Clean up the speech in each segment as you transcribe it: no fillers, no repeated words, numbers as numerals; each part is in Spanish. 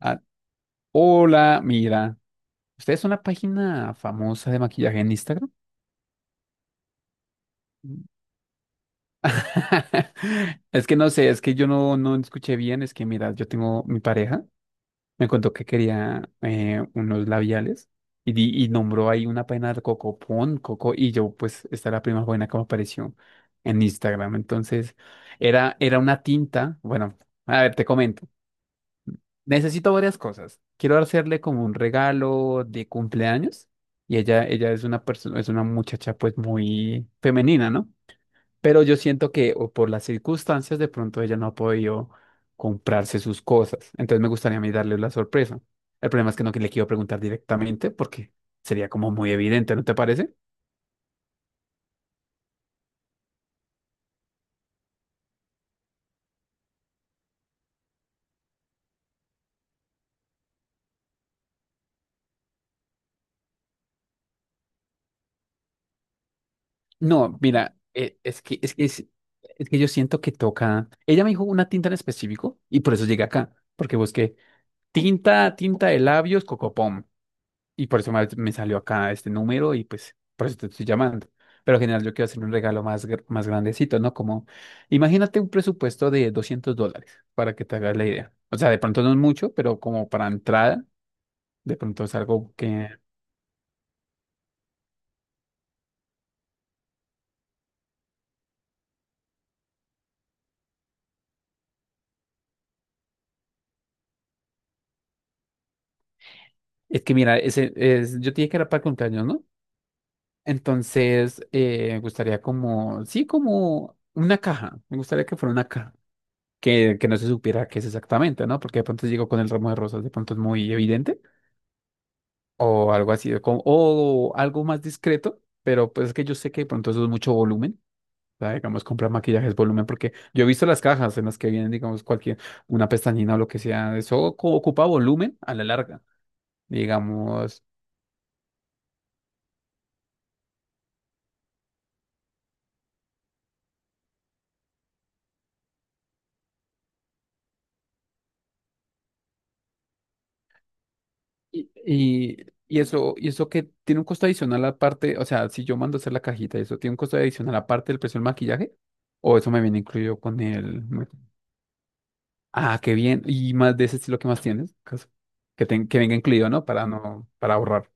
Ah, hola, mira. ¿Ustedes son la página famosa de maquillaje en Instagram? Mm. Es que no sé, es que yo no escuché bien. Es que, mira, yo tengo mi pareja, me contó que quería unos labiales y nombró ahí una página de Coco Pon, Coco, y yo, pues, esta es la primera buena que me apareció en Instagram. Entonces, era una tinta. Bueno, a ver, te comento. Necesito varias cosas. Quiero hacerle como un regalo de cumpleaños y ella es una persona, es una muchacha pues muy femenina, ¿no? Pero yo siento que o por las circunstancias de pronto ella no ha podido comprarse sus cosas. Entonces me gustaría a mí darle la sorpresa. El problema es que no que le quiero preguntar directamente porque sería como muy evidente, ¿no te parece? No, mira, es que yo siento que toca. Ella me dijo una tinta en específico y por eso llegué acá, porque busqué tinta de labios, Cocopom. Y por eso me salió acá este número y pues por eso te estoy llamando. Pero en general yo quiero hacer un regalo más, más grandecito, ¿no? Como, imagínate un presupuesto de $200 para que te hagas la idea. O sea, de pronto no es mucho, pero como para entrada, de pronto es algo que... Es que mira, yo te dije que era para cumpleaños, ¿no? Entonces, me gustaría como, sí, como una caja. Me gustaría que fuera una caja, que no se supiera qué es exactamente, ¿no? Porque de pronto llegó con el ramo de rosas, de pronto es muy evidente, o algo así, o algo más discreto, pero pues es que yo sé que de pronto eso es mucho volumen, o sea, digamos, comprar maquillaje es volumen, porque yo he visto las cajas en las que vienen, digamos, cualquier, una pestañina o lo que sea, eso ocupa volumen a la larga, digamos, y, y, y eso que tiene un costo adicional aparte, o sea, si yo mando a hacer la cajita, eso tiene un costo adicional aparte del precio del maquillaje. O eso me viene incluido con el. Ah, qué bien. ¿Y más de ese estilo que más tienes? Caso. Que venga incluido, ¿no? Para ahorrar.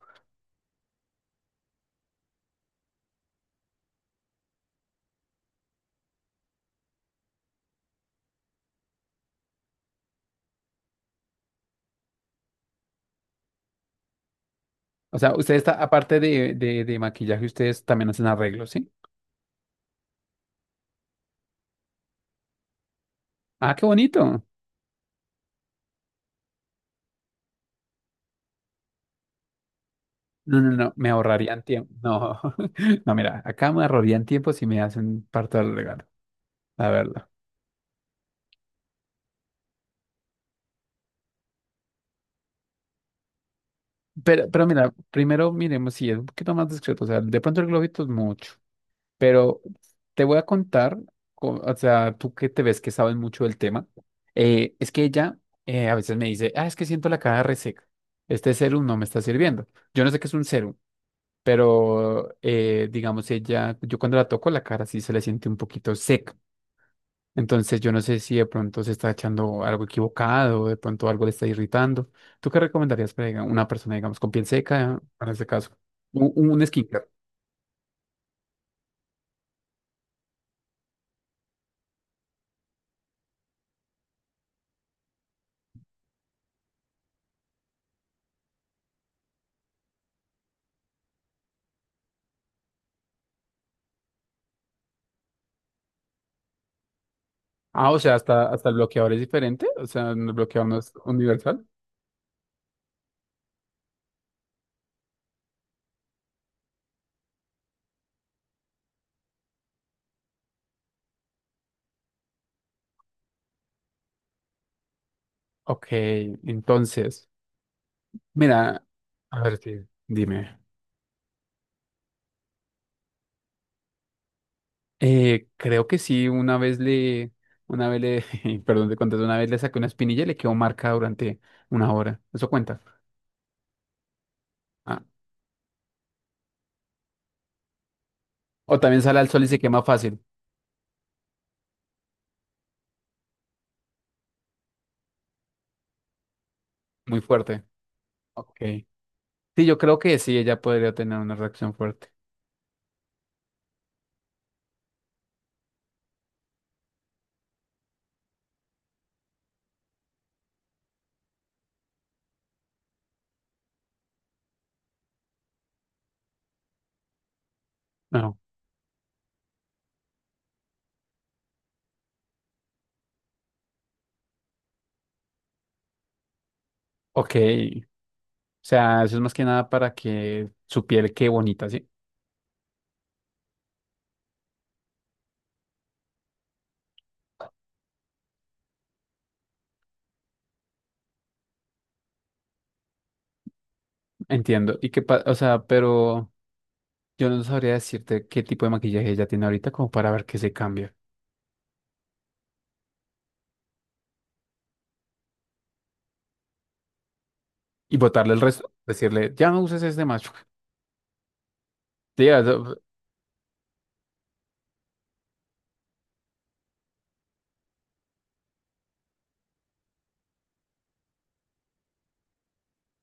O sea, usted está, aparte de maquillaje, ustedes también hacen arreglos, ¿sí? Ah, qué bonito. No, no, no, me ahorrarían tiempo. No, no, mira, acá me ahorrarían tiempo si me hacen parte del regalo, la verdad. Pero mira, primero miremos si es un poquito más discreto. O sea, de pronto el globito es mucho. Pero te voy a contar, o sea, tú que te ves que sabes mucho del tema, es que ella a veces me dice, ah, es que siento la cara reseca, este serum no me está sirviendo. Yo no sé qué es un serum, pero digamos, ella, yo cuando la toco la cara sí se le siente un poquito seca. Entonces yo no sé si de pronto se está echando algo equivocado, de pronto algo le está irritando. ¿Tú qué recomendarías para una persona, digamos, con piel seca, en este caso? Un skincare. Ah, o sea, hasta el bloqueador es diferente, o sea, el bloqueador no es universal. Ok, entonces, mira, a ver, sí, dime. Creo que sí, perdón, te conté, una vez le saqué una espinilla y le quedó marca durante una hora. ¿Eso cuenta? Ah, o también sale al sol y se quema fácil, muy fuerte. Ok. Sí, yo creo que sí, ella podría tener una reacción fuerte. No, ok. O sea, eso es más que nada para que su piel quede bonita, ¿sí? Entiendo. Y qué o sea, pero yo no sabría decirte qué tipo de maquillaje ella tiene ahorita como para ver qué se cambia. Y botarle el resto, decirle, ya no uses este macho. Sí, o sea,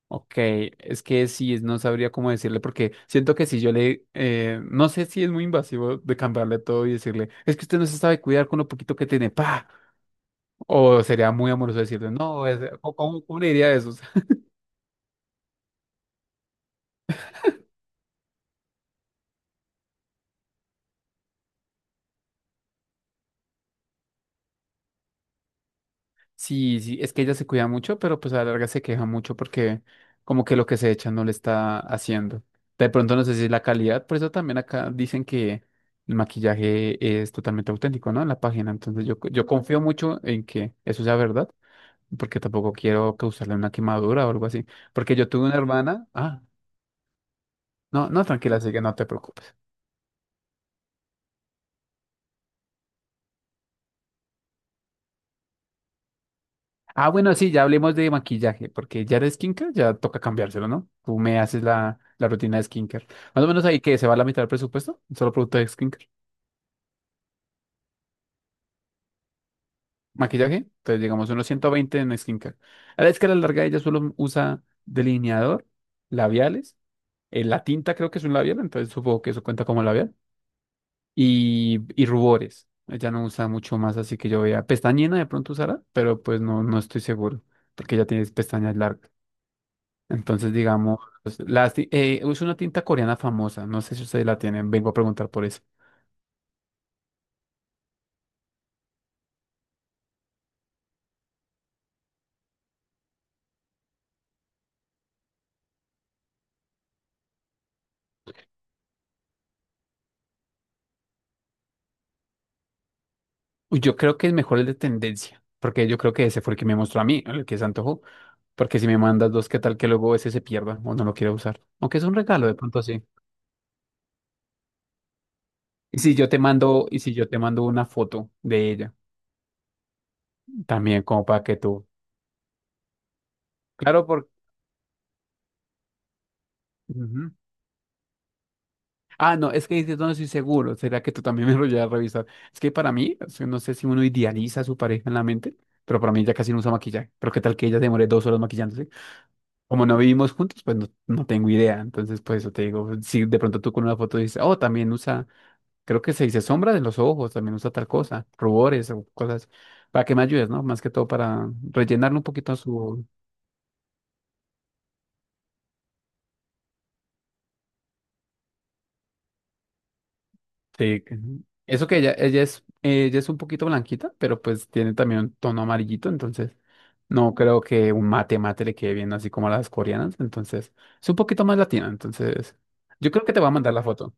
ok, es que sí, no sabría cómo decirle porque siento que si yo le, no sé si es muy invasivo de cambiarle todo y decirle, es que usted no se sabe cuidar con lo poquito que tiene, pa. O sería muy amoroso decirle, no, ¿cómo le diría eso? Sí, sí, es que ella se cuida mucho, pero pues a la larga se queja mucho porque como que lo que se echa no le está haciendo. De pronto no sé si es la calidad, por eso también acá dicen que el maquillaje es totalmente auténtico, ¿no? En la página. Entonces yo confío mucho en que eso sea verdad, porque tampoco quiero causarle una quemadura o algo así. Porque yo tuve una hermana, ah, no, no, tranquila, así que no te preocupes. Ah, bueno, sí, ya hablemos de maquillaje, porque ya de skincare ya toca cambiárselo, ¿no? Tú me haces la rutina de skincare. Más o menos ahí que se va la mitad del presupuesto, solo producto de skincare. Maquillaje, entonces llegamos a unos 120 en skincare. A la vez que larga ella solo usa delineador, labiales, la tinta creo que es un labial, entonces supongo que eso cuenta como labial, y rubores. Ella no usa mucho más, así que yo vea pestañina de pronto usará, pero pues no estoy seguro, porque ella tiene pestañas largas. Entonces, digamos, pues, es una tinta coreana famosa, no sé si ustedes la tienen, vengo a preguntar por eso. Uy, yo creo que es mejor el de tendencia, porque yo creo que ese fue el que me mostró a mí, el que se antojó, porque si me mandas dos, ¿qué tal que luego ese se pierda o no lo quiera usar? Aunque es un regalo de pronto así. Y si yo te mando una foto de ella, también como para que tú. Claro, porque... Ah, no, es que dices, no estoy seguro. ¿Será que tú también me lo llevas a revisar? Es que para mí, o sea, no sé si uno idealiza a su pareja en la mente, pero para mí ella casi no usa maquillaje. Pero qué tal que ella demore 2 horas maquillándose. Como no vivimos juntos, pues no tengo idea. Entonces, pues eso te digo, si de pronto tú con una foto dices, oh, también usa, creo que se dice sombra de los ojos, también usa tal cosa, rubores o cosas, para que me ayudes, ¿no? Más que todo para rellenarle un poquito a su. Sí, eso que ella es un poquito blanquita, pero pues tiene también un tono amarillito, entonces no creo que un mate mate le quede bien así como a las coreanas, entonces es un poquito más latina, entonces yo creo que te voy a mandar la foto,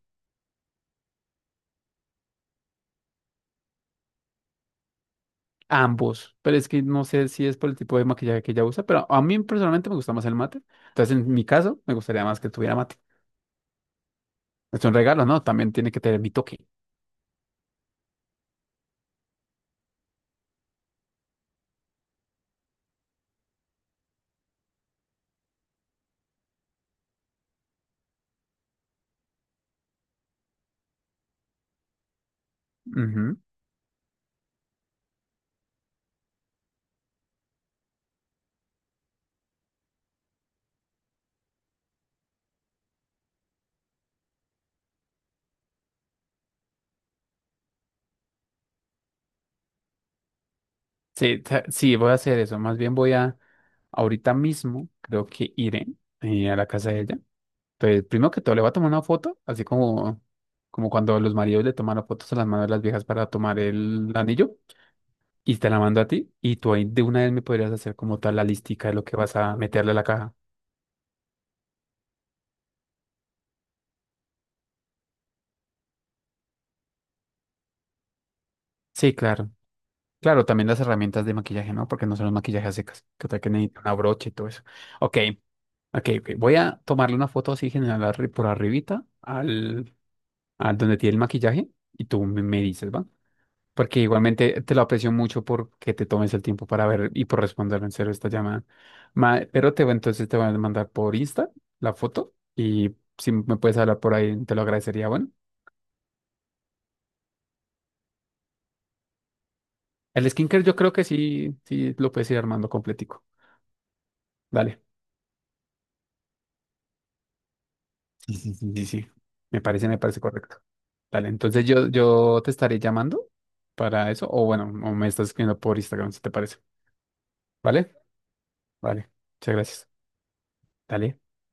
ambos, pero es que no sé si es por el tipo de maquillaje que ella usa, pero a mí personalmente me gusta más el mate, entonces en mi caso me gustaría más que tuviera mate. Es un regalo, ¿no? También tiene que tener mi toque. Ujú. Sí, sí, voy a hacer eso. Más bien voy a, ahorita mismo, creo que iré a la casa de ella. Entonces, primero que todo, le voy a tomar una foto, así como cuando los maridos le toman las fotos a las manos de las viejas para tomar el anillo, y te la mando a ti, y tú ahí de una vez me podrías hacer como tal la listica de lo que vas a meterle a la caja. Sí, claro. Claro, también las herramientas de maquillaje, ¿no? Porque no son los maquillajes a secas, que tal que necesita una brocha y todo eso. Ok, ok, ok. Voy a tomarle una foto así general por arribita al a donde tiene el maquillaje y tú me dices, ¿va? Porque igualmente te lo aprecio mucho porque te tomes el tiempo para ver y por responder en serio esta llamada. Entonces te voy a mandar por Insta la foto y si me puedes hablar por ahí, te lo agradecería. Bueno, el skincare yo creo que sí, sí lo puedes ir armando completico. Dale. Sí, sí, sí, sí. sí. Me parece correcto. Dale, entonces yo te estaré llamando para eso, o bueno, o me estás escribiendo por Instagram si te parece. ¿Vale? Vale. Muchas gracias. Dale.